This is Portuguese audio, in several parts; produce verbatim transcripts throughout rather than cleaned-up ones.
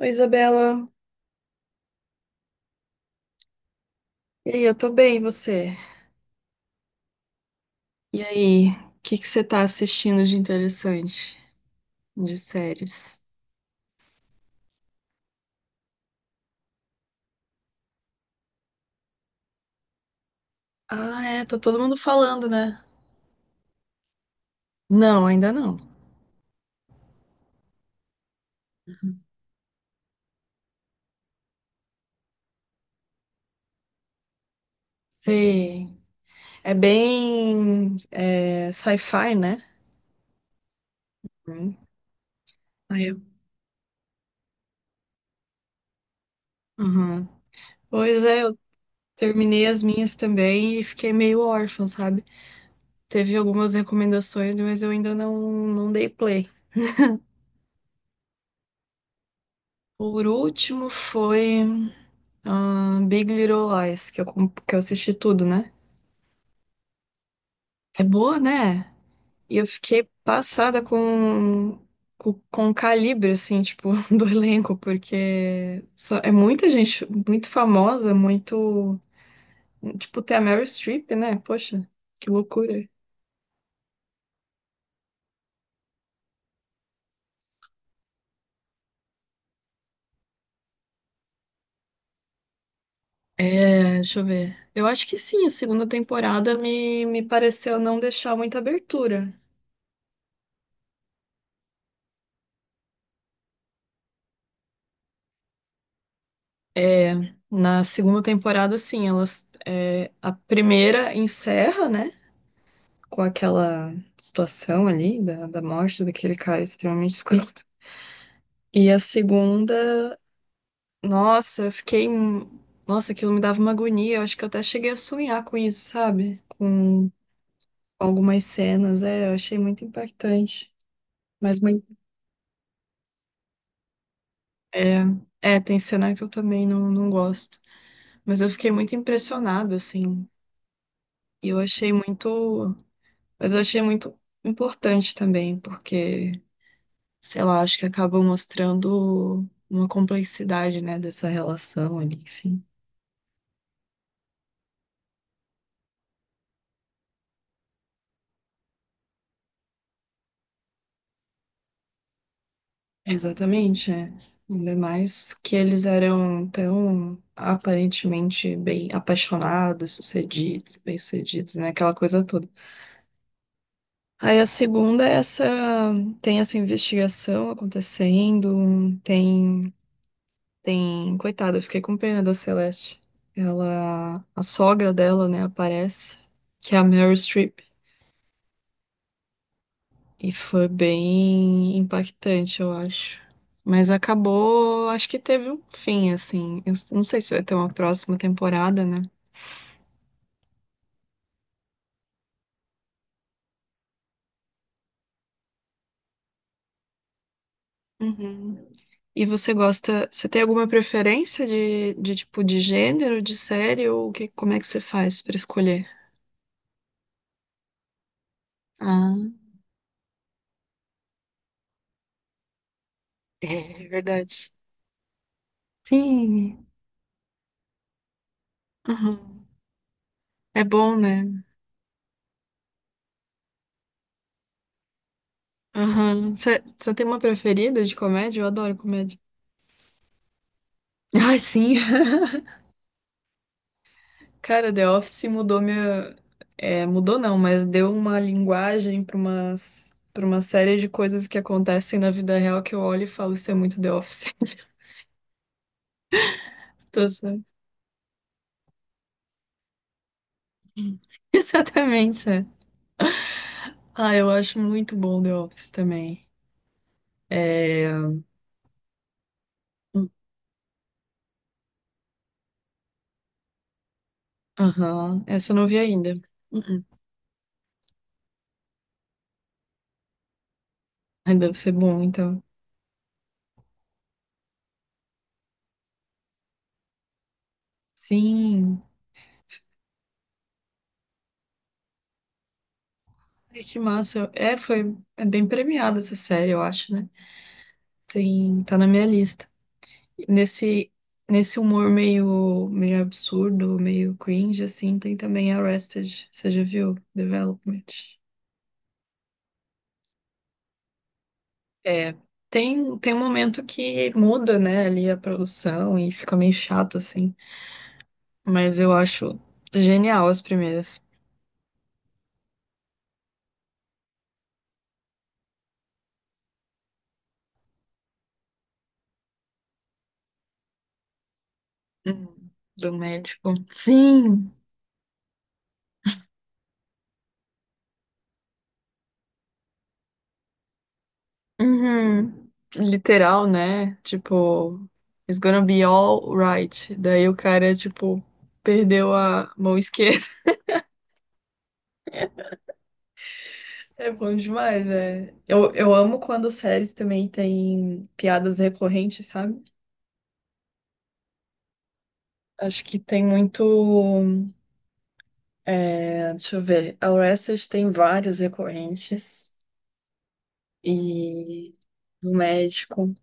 Oi, Isabela. E aí, eu tô bem, e você? E aí, o que que você tá assistindo de interessante, de séries? Ah, é, tá todo mundo falando, né? Não, ainda não. Sei. É bem é, sci-fi, né? Hum. Aí eu- Uhum. Pois é, eu terminei as minhas também e fiquei meio órfã, sabe? Teve algumas recomendações, mas eu ainda não, não dei play. Por último foi ah, Big Little Lies, que eu, com- que eu assisti tudo, né? É boa, né? E eu fiquei passada com, com, com o calibre, assim, tipo, do elenco, porque só- é muita gente muito famosa, muito. Tipo, tem a Meryl Streep, né? Poxa, que loucura. É, deixa eu ver. Eu acho que sim, a segunda temporada me, me pareceu não deixar muita abertura. É, na segunda temporada, sim, elas. É, a primeira encerra, né? Com aquela situação ali da, da morte daquele cara extremamente escroto. E a segunda, nossa, eu fiquei. um- Nossa, aquilo me dava uma agonia. Eu acho que eu até cheguei a sonhar com isso, sabe? Com algumas cenas. É, eu achei muito impactante. Mas muito. É, é, tem cena que eu também não, não gosto. Mas eu fiquei muito impressionada, assim. E eu achei muito. Mas eu achei muito importante também, porque. Sei lá, acho que acaba mostrando uma complexidade, né, dessa relação ali, enfim. Exatamente, é. Ainda mais que eles eram tão aparentemente bem apaixonados, sucedidos, bem-sucedidos, né? Aquela coisa toda. Aí a segunda é essa, tem essa investigação acontecendo, tem, tem, coitada, eu fiquei com pena da Celeste. Ela, a sogra dela, né, aparece, que é a Meryl Streep. E foi bem impactante, eu acho. Mas acabou, acho que teve um fim, assim. Eu s- não sei se vai ter uma próxima temporada, né? Uhum. E você gosta, você tem alguma preferência de, de tipo de gênero, de série, ou o que, como é que você faz pra escolher? Ah, é verdade. Sim. Uhum. É bom, né? Aham. Você você tem uma preferida de comédia? Eu adoro comédia. Ai, sim. Cara, The Office mudou minha. É, mudou não, mas deu uma linguagem para umas... para uma série de coisas que acontecem na vida real que eu olho e falo, isso é muito The Office. Tô certo. Exatamente, é. Ah, eu acho muito bom The Office também. É. Hum, aham, essa eu não vi ainda. Uh-uh. Ai, deve ser bom, então. Sim. Ai, que massa. É, foi. É bem premiada essa série, eu acho, né? Tem... Tá na minha lista. Nesse, nesse humor meio, meio absurdo, meio cringe, assim, tem também Arrested, você já viu? Development. É. Tem, tem um momento que muda, né, ali a produção e fica meio chato, assim. Mas eu acho genial as primeiras. Hum, Do médico. Sim! Uhum. Literal, né? Tipo, it's gonna be all right. Daí o cara, tipo, perdeu a mão esquerda. É bom demais, né? Eu, eu amo quando séries também tem piadas recorrentes, sabe? Acho que tem muito. É, deixa eu ver. A Orestes tem várias recorrentes. E do médico.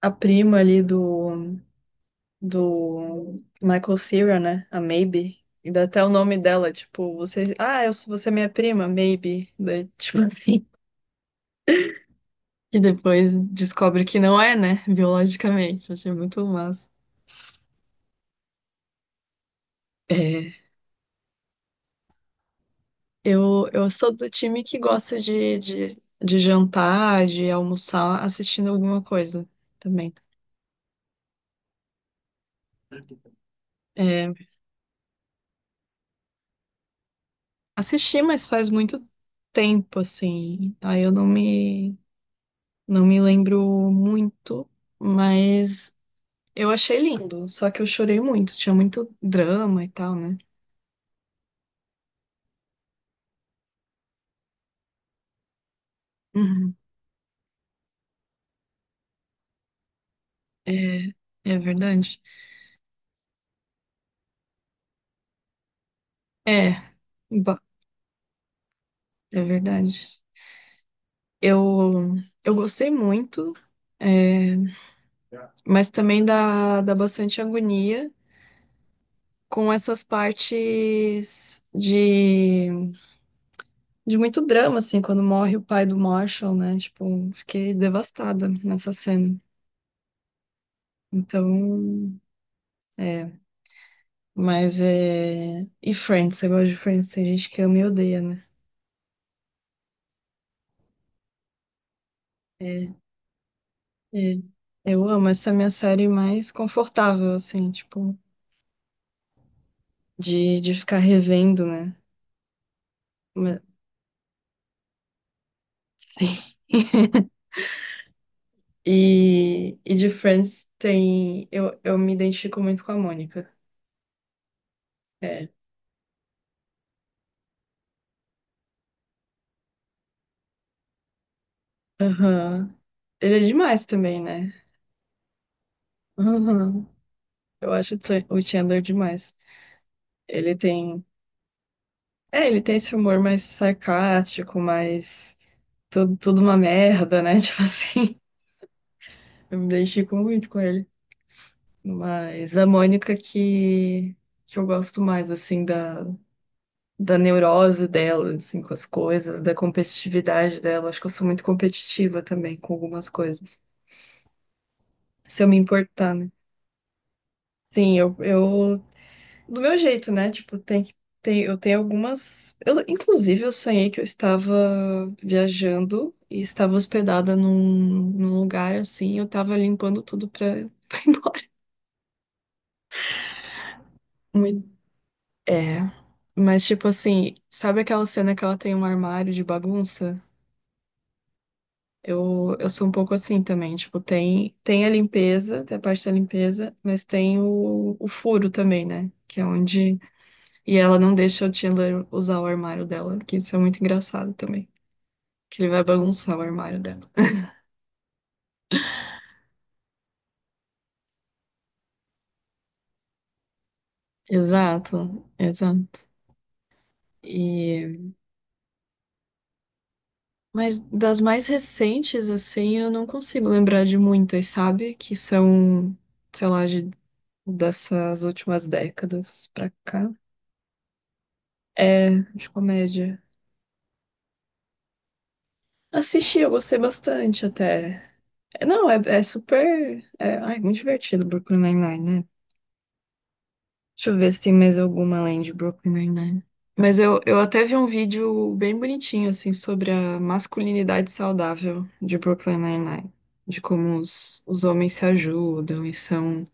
A prima ali do, do Michael Cera, né? A Maybe. E dá até o nome dela, tipo, você. Ah, eu, sou- você é minha prima, Maybe. Daí, tipo, e depois descobre que não é, né? Biologicamente. Achei muito massa. É. Eu, eu sou do time que gosta de, de, de jantar, de almoçar, assistindo alguma coisa também. É, assisti, mas faz muito tempo, assim. Aí eu não me, não me lembro muito, mas eu achei lindo. Só que eu chorei muito, tinha muito drama e tal, né? Uhum. É, é verdade. É, ba- é verdade. Eu, eu gostei muito. É, mas também dá, dá bastante agonia com essas partes de, de muito drama, assim, quando morre o pai do Marshall, né? Tipo, fiquei devastada nessa cena. Então, é, mas é. E Friends, eu gosto de Friends, tem gente que ama e odeia, né? É, é. Eu amo essa é a minha série mais confortável, assim, tipo, de, de ficar revendo, né? Mas- Sim. E, e de Friends tem. Eu, eu me identifico muito com a Mônica. É. Aham. Ele é demais também, né? Aham. Eu acho o Chan- o Chandler demais. Ele tem. É, ele tem esse humor mais sarcástico, mais. Tudo, tudo uma merda, né? Tipo assim. Eu me identifico muito com ele. Mas a Mônica que. Que eu gosto mais, assim, da, da neurose dela, assim, com as coisas, da competitividade dela. Acho que eu sou muito competitiva também com algumas coisas. Se eu me importar, né? Sim, eu, eu do meu jeito, né? Tipo, tem que tem, eu tenho algumas. Eu, inclusive, eu sonhei que eu estava viajando e estava hospedada num, num lugar assim, e eu estava limpando tudo pra, pra ir embora. Muito- É. Mas, tipo assim, sabe aquela cena que ela tem um armário de bagunça? Eu, eu sou um pouco assim também, tipo, tem, tem a limpeza, tem a parte da limpeza, mas tem o, o furo também, né? Que é onde. E ela não deixa o Chandler usar o armário dela, que isso é muito engraçado também. Que ele vai bagunçar o armário dela. Exato, exato. E... Mas das mais recentes, assim, eu não consigo lembrar de muitas, sabe? Que são, sei lá, de... dessas últimas décadas pra cá. É, de comédia. Assisti, eu gostei bastante até. É, não, é, é super. É, ai, muito divertido Brooklyn Nine-Nine, né? Deixa eu ver se tem mais alguma além de Brooklyn Nine-Nine. Mas eu, eu até vi um vídeo bem bonitinho, assim, sobre a masculinidade saudável de Brooklyn Nine-Nine. De como os, os homens se ajudam e são,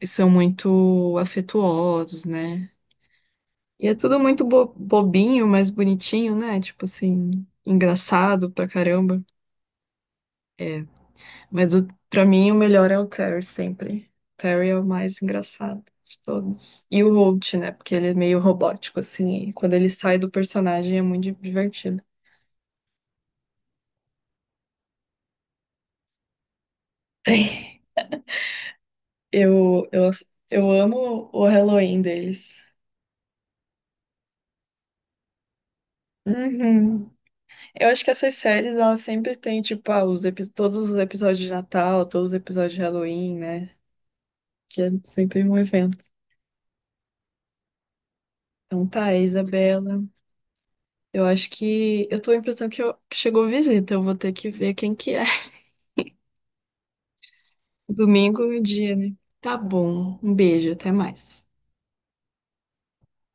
e são muito afetuosos, né? E é tudo muito bo- bobinho, mas bonitinho, né? Tipo assim, engraçado pra caramba. É, mas o, pra mim o melhor é o Terry sempre. Terry é o mais engraçado de todos. E o Holt, né? Porque ele é meio robótico, assim. E quando ele sai do personagem é muito di- divertido. Eu, eu, eu amo o Halloween deles. Uhum. Eu acho que essas séries, elas sempre têm, tipo, ah, os epi- todos os episódios de Natal, todos os episódios de Halloween, né? Que é sempre um evento. Então tá, Isabela. Eu acho que. Eu tô com a impressão que, eu- que chegou visita. Eu vou ter que ver quem que é. Domingo é o dia, né? Tá bom. Um beijo, até mais.